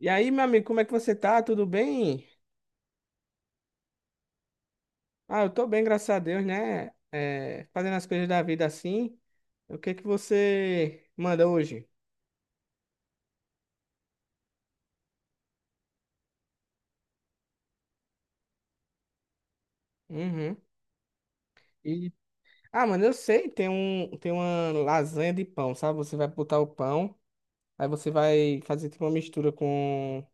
E aí, meu amigo, como é que você tá? Tudo bem? Ah, eu tô bem, graças a Deus, né? É, fazendo as coisas da vida assim. O que que você manda hoje? Uhum. E, mano, eu sei, tem uma lasanha de pão, sabe? Você vai botar o pão, aí você vai fazer tipo uma mistura com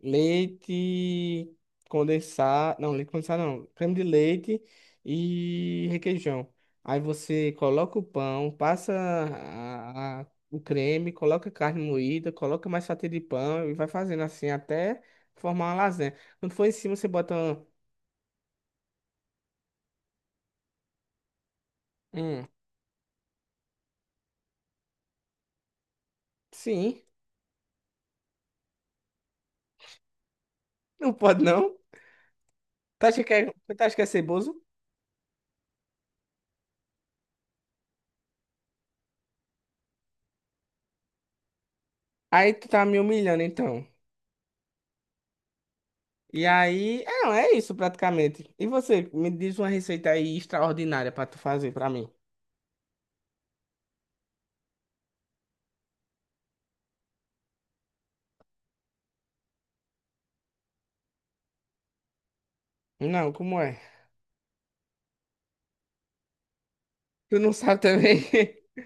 leite leite condensado não, creme de leite e requeijão. Aí você coloca o pão, passa o creme, coloca carne moída, coloca mais fatia de pão e vai fazendo assim até formar uma lasanha. Quando for em cima, você bota. Hum, sim. Não pode não. Tu acha que é, tu acha que é ceboso? Aí tu tá me humilhando então. E aí, é, é isso praticamente. E você, me diz uma receita aí extraordinária pra tu fazer pra mim. Não, como é? Tu não sabe também?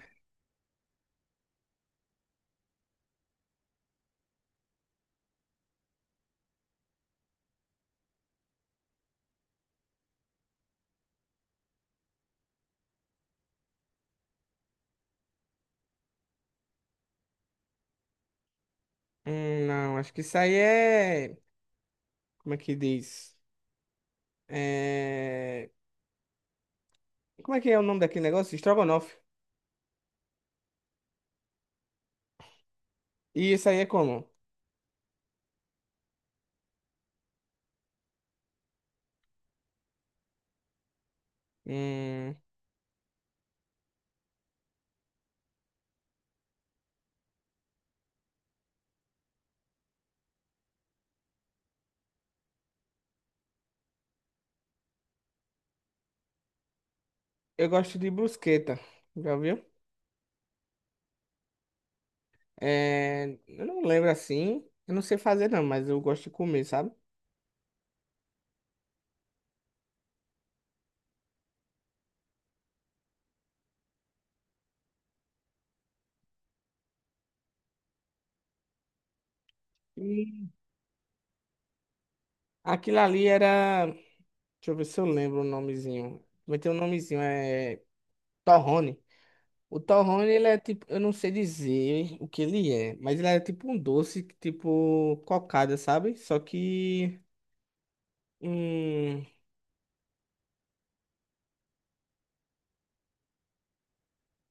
Não, acho que isso aí é. Como é que diz? É... Como é que é o nome daquele negócio? Estrogonofe. E isso aí é como? Hum, eu gosto de brusqueta. Já viu? É... Eu não lembro assim. Eu não sei fazer, não, mas eu gosto de comer, sabe? E Aquilo ali era. Deixa eu ver se eu lembro o nomezinho. Vai ter um nomezinho, é. Torrone. O torrone, ele é tipo, eu não sei dizer o que ele é, mas ele é tipo um doce, tipo cocada, sabe? Hum,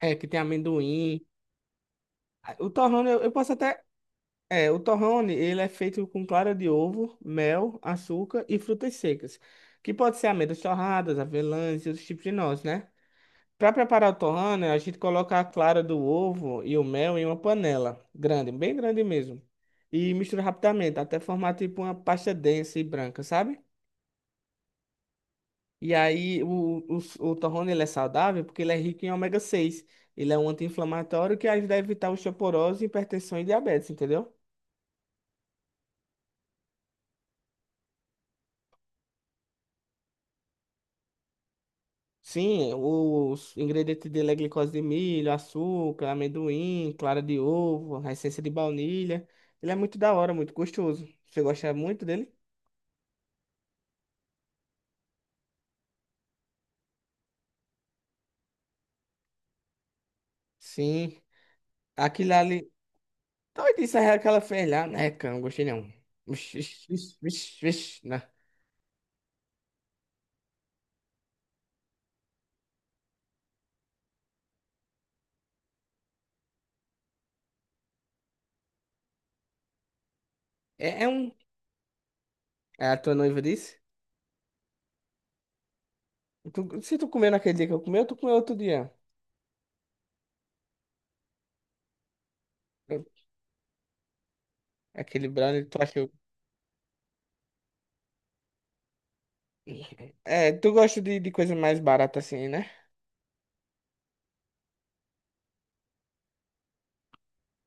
é, que tem amendoim. Ah, O torrone, eu posso até, é, o torrone, ele é feito com clara de ovo, mel, açúcar e frutas secas, que pode ser amêndoas torradas, avelãs e outros tipos de nozes, né? Para preparar o torrano, a gente coloca a clara do ovo e o mel em uma panela grande, bem grande mesmo. E mistura rapidamente, até formar tipo uma pasta densa e branca, sabe? E aí o torrano ele é saudável porque ele é rico em ômega seis. Ele é um anti-inflamatório que ajuda a evitar osteoporose, hipertensão e diabetes, entendeu? Sim, os ingredientes dele é glicose de milho, açúcar, amendoim, clara de ovo, a essência de baunilha. Ele é muito da hora, muito gostoso. Você gosta muito dele? Sim, aquilo ali. Talvez isso é que ela fez lá, né, cara? Não gostei não. Vixe, vixe, vixe, vixe, né? É, é um. É a tua noiva disse? Tu- se tu comeu naquele dia que eu comi, tu comeu outro dia. Aquele brownie, tu achou. É, tu gosta de coisa mais barata assim, né?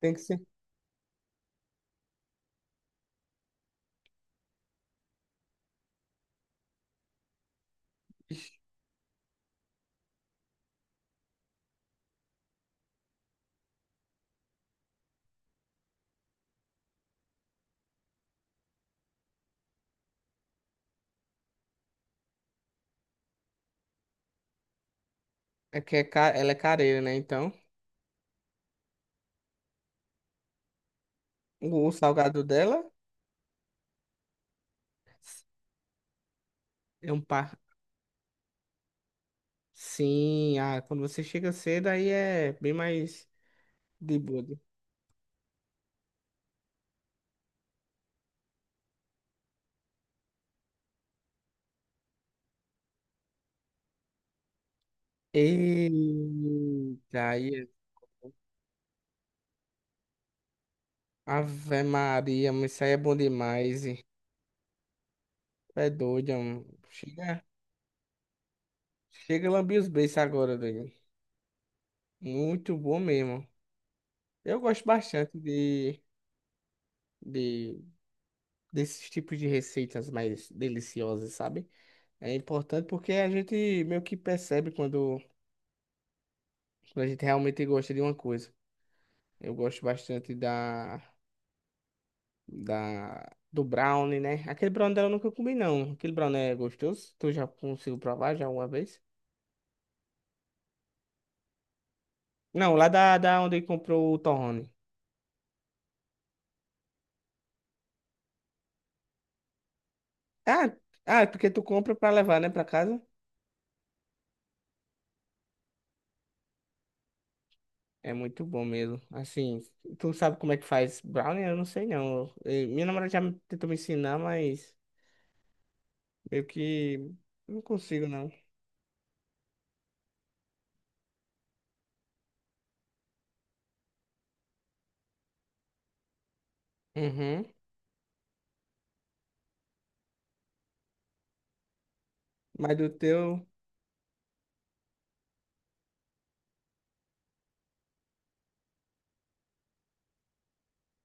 Tem que ser. É que é ca- ela é careira, né? Então, o salgado dela é um par. Sim, ah, quando você chega cedo, aí é bem mais de boa. Eita, aí. É. Ave Maria, mano, isso aí é bom demais, hein? É doido, mano. Chega, chega a lamber os beiços agora, doido. Muito bom mesmo. Eu gosto bastante de desses tipos de receitas mais deliciosas, sabe? É importante porque a gente meio que percebe quando, quando a gente realmente gosta de uma coisa. Eu gosto bastante do brownie, né? Aquele brownie dela eu nunca comi, não. Aquele brownie é gostoso. Tu já conseguiu provar já uma vez? Não, lá da onde comprou o torrone. Ah, ah, é porque tu compra pra levar, né, pra casa? É muito bom mesmo. Assim, tu sabe como é que faz brownie? Eu não sei não. Minha namorada já tentou me ensinar, mas meio que não consigo não. Uhum. Mas do teu.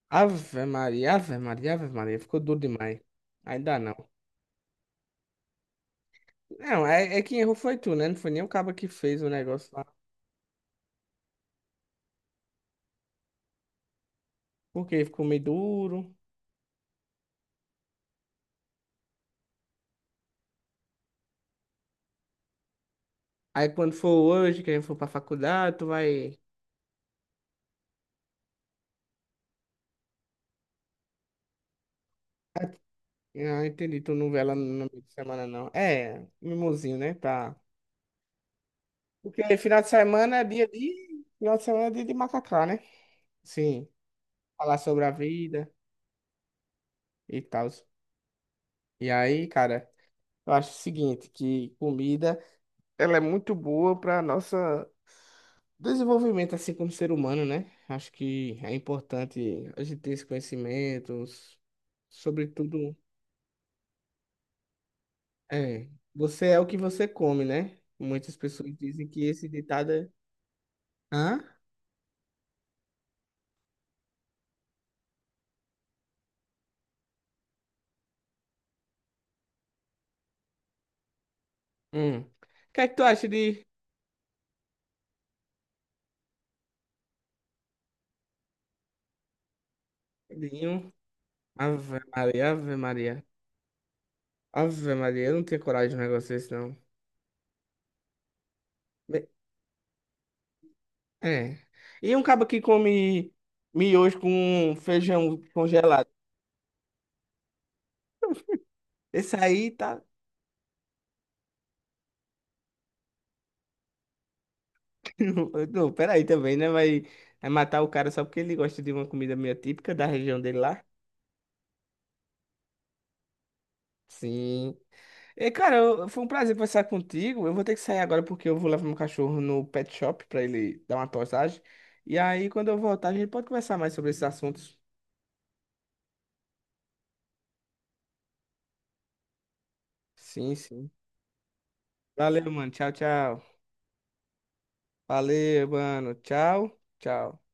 Ave Maria, Ave Maria, Ave Maria. Ficou duro demais. Ainda não. Não, é, é quem errou foi tu, né? Não foi nem o cabo que fez o negócio lá. Porque ficou meio duro. Aí quando for hoje, que a gente for pra faculdade, tu vai. Ah, entendi. Tu não vê ela no meio de semana, não. É, mimosinho, né? Tá. Porque final de semana é dia de. Final de semana é dia de macacá, né? Sim. Falar sobre a vida e tal. E aí, cara, eu acho o seguinte, que comida, ela é muito boa para nossa desenvolvimento, assim, como ser humano, né? Acho que é importante a gente ter esse conhecimento, sobretudo, é, você é o que você come, né? Muitas pessoas dizem que esse ditado é... Hã? Hum. O que é que tu acha de Dinho? Ave Maria, Ave Maria. Ave Maria, eu não tenho coragem de um negócio desse, não. Be- É. E um cabo que come miojo com feijão congelado. Esse aí tá. Não, peraí também, né? Vai, vai matar o cara só porque ele gosta de uma comida meio típica da região dele lá. Sim. Foi um prazer conversar contigo. Eu vou ter que sair agora porque eu vou levar meu cachorro no pet shop pra ele dar uma postagem. E aí, quando eu voltar, a gente pode conversar mais sobre esses assuntos. Sim, sim. Valeu, mano. Tchau, tchau. Valeu, mano. Tchau, tchau.